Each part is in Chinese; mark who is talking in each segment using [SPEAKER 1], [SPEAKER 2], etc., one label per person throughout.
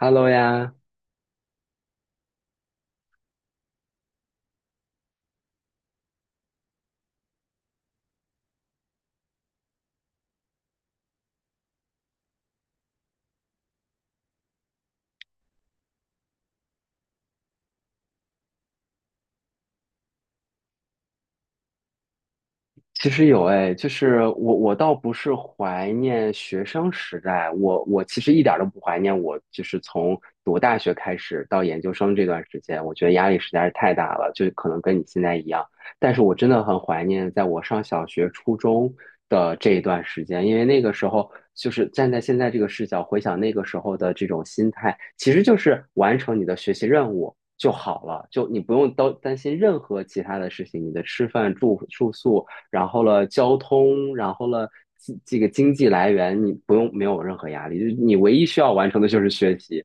[SPEAKER 1] Hello 呀，其实有哎，就是我倒不是怀念学生时代，我其实一点儿都不怀念我，就是从读大学开始到研究生这段时间，我觉得压力实在是太大了，就可能跟你现在一样。但是我真的很怀念在我上小学、初中的这一段时间，因为那个时候就是站在现在这个视角回想那个时候的这种心态，其实就是完成你的学习任务。就好了，就你不用担心任何其他的事情，你的吃饭、住宿，然后了交通，然后了这个经济来源，你不用没有任何压力，就是你唯一需要完成的就是学习。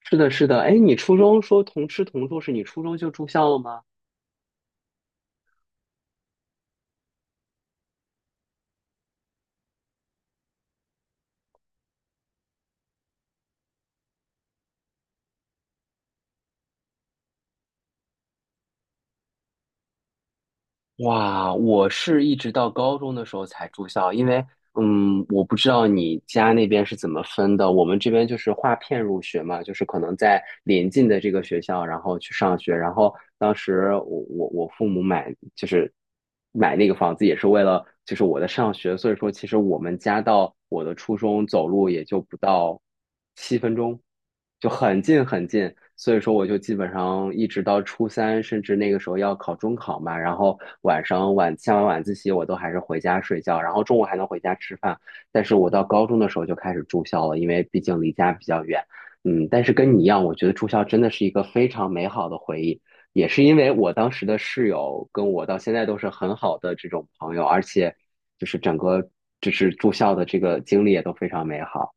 [SPEAKER 1] 是的，是的，哎，你初中说同吃同住，是你初中就住校了吗？哇，我是一直到高中的时候才住校，因为我不知道你家那边是怎么分的，我们这边就是划片入学嘛，就是可能在临近的这个学校，然后去上学，然后当时我父母买就是买那个房子也是为了就是我的上学，所以说其实我们家到我的初中走路也就不到7分钟。就很近很近，所以说我就基本上一直到初三，甚至那个时候要考中考嘛，然后晚上晚下完晚自习，我都还是回家睡觉，然后中午还能回家吃饭。但是我到高中的时候就开始住校了，因为毕竟离家比较远。嗯，但是跟你一样，我觉得住校真的是一个非常美好的回忆，也是因为我当时的室友跟我到现在都是很好的这种朋友，而且就是整个就是住校的这个经历也都非常美好。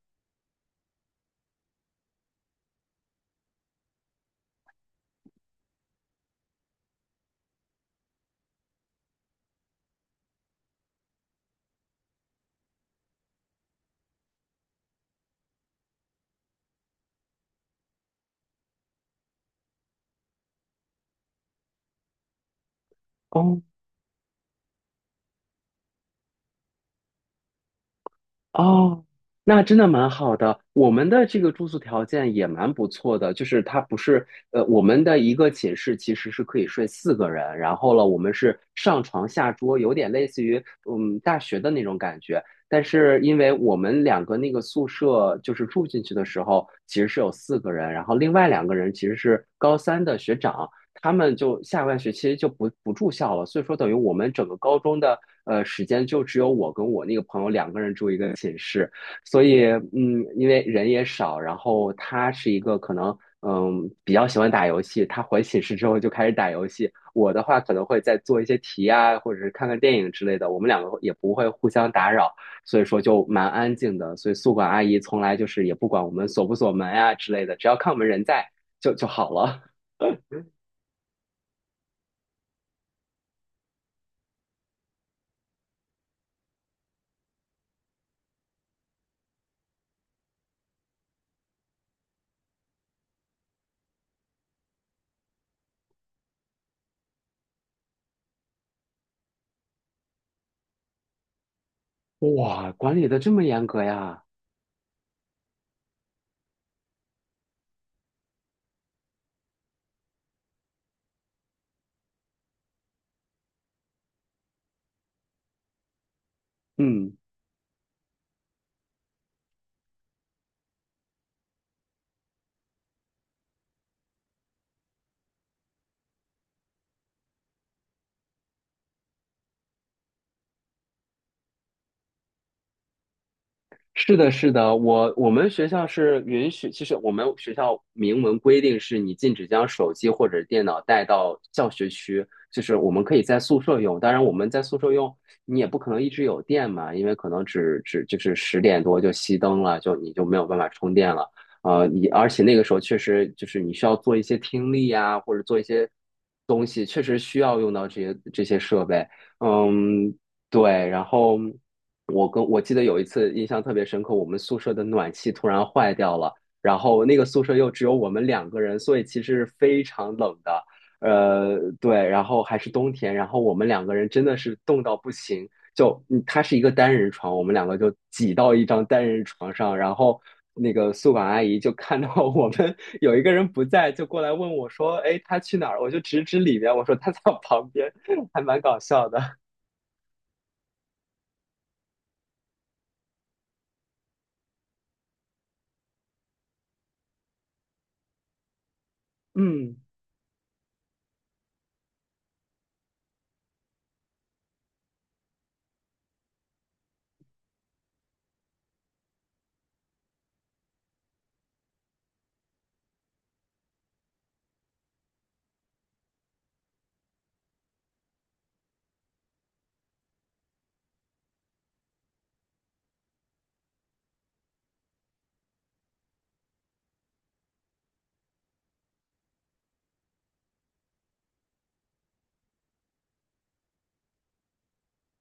[SPEAKER 1] 哦哦，那真的蛮好的。我们的这个住宿条件也蛮不错的，就是它不是我们的一个寝室其实是可以睡四个人，然后了，我们是上床下桌，有点类似于嗯大学的那种感觉。但是因为我们两个那个宿舍就是住进去的时候，其实是有四个人，然后另外两个人其实是高三的学长，他们就下半学期就不住校了，所以说等于我们整个高中的时间就只有我跟我那个朋友两个人住一个寝室，所以嗯，因为人也少，然后他是一个可能嗯比较喜欢打游戏，他回寝室之后就开始打游戏，我的话可能会再做一些题啊，或者是看看电影之类的，我们两个也不会互相打扰，所以说就蛮安静的，所以宿管阿姨从来就是也不管我们锁不锁门啊之类的，只要看我们人在就好了。哇，管理的这么严格呀？嗯。是的，是的，我们学校是允许，其实我们学校明文规定是你禁止将手机或者电脑带到教学区，就是我们可以在宿舍用，当然我们在宿舍用，你也不可能一直有电嘛，因为可能只就是10点多就熄灯了，就你就没有办法充电了，你而且那个时候确实就是你需要做一些听力呀，或者做一些东西，确实需要用到这些设备，嗯，对，然后。我记得有一次印象特别深刻，我们宿舍的暖气突然坏掉了，然后那个宿舍又只有我们两个人，所以其实是非常冷的。对，然后还是冬天，然后我们两个人真的是冻到不行，就嗯它是一个单人床，我们两个就挤到一张单人床上，然后那个宿管阿姨就看到我们 有一个人不在，就过来问我说：“哎，他去哪儿？”我就指指里面，我说他在我旁边，还蛮搞笑的。嗯，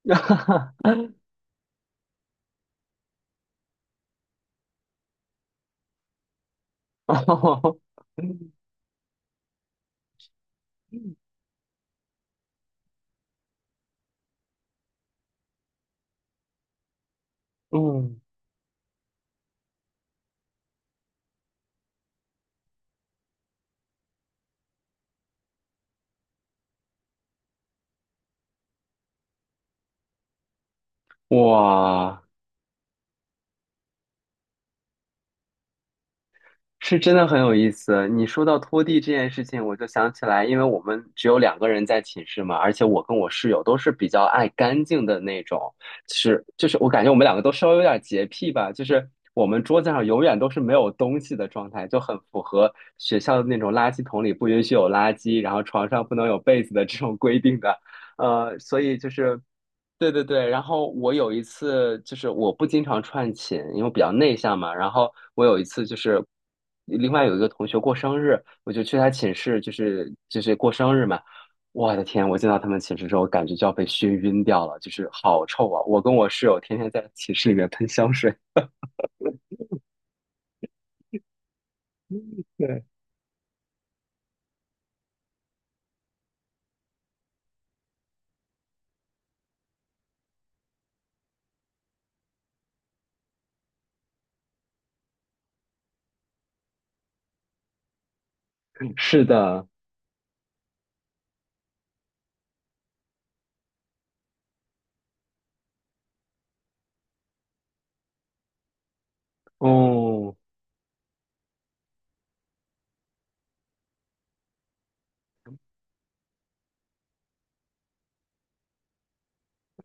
[SPEAKER 1] 哦，嗯，哇，是真的很有意思。你说到拖地这件事情，我就想起来，因为我们只有两个人在寝室嘛，而且我跟我室友都是比较爱干净的那种，就是我感觉我们两个都稍微有点洁癖吧，就是我们桌子上永远都是没有东西的状态，就很符合学校的那种垃圾桶里不允许有垃圾，然后床上不能有被子的这种规定的。所以就是。对对对，然后我有一次就是我不经常串寝，因为我比较内向嘛。然后我有一次就是另外有一个同学过生日，我就去他寝室，就是过生日嘛。我的天，我进到他们寝室之后，感觉就要被熏晕掉了，就是好臭啊！我跟我室友天天在寝室里面喷香水。对，是的，哦，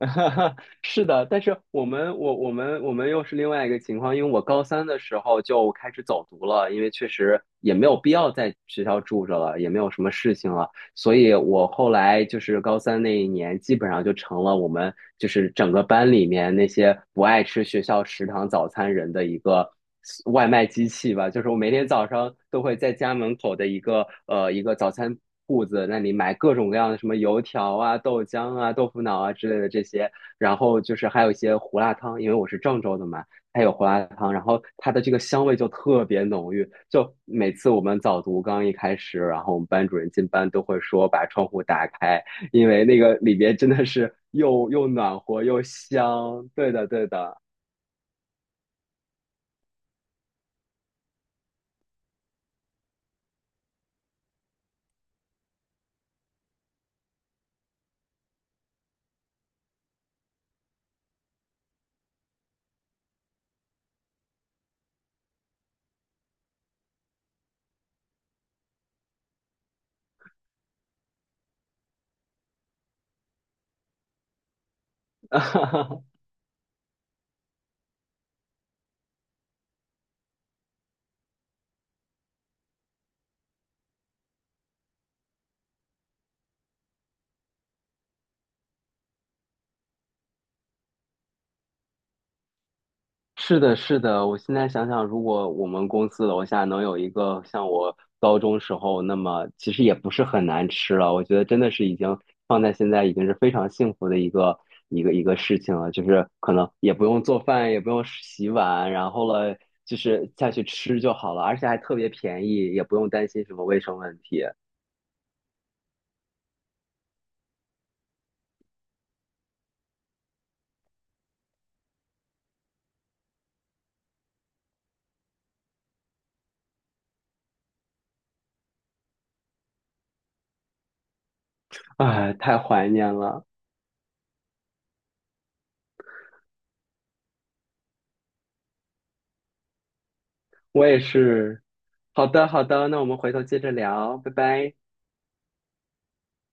[SPEAKER 1] 是的，但是我们又是另外一个情况，因为我高三的时候就开始走读了，因为确实也没有必要在学校住着了，也没有什么事情了，所以我后来就是高三那一年，基本上就成了我们就是整个班里面那些不爱吃学校食堂早餐人的一个外卖机器吧。就是我每天早上都会在家门口的一个早餐铺子那里买各种各样的什么油条啊、豆浆啊、豆腐脑啊之类的这些，然后就是还有一些胡辣汤，因为我是郑州的嘛。它有胡辣汤，然后它的这个香味就特别浓郁。就每次我们早读刚一开始，然后我们班主任进班都会说把窗户打开，因为那个里边真的是又暖和又香。对的，对的，是的，是的，我现在想想，如果我们公司楼下能有一个像我高中时候，那么其实也不是很难吃了。我觉得真的是已经放在现在已经是非常幸福的一个事情了，就是可能也不用做饭，也不用洗碗，然后了就是下去吃就好了，而且还特别便宜，也不用担心什么卫生问题。哎，太怀念了，我也是。好的，好的，那我们回头接着聊，拜拜。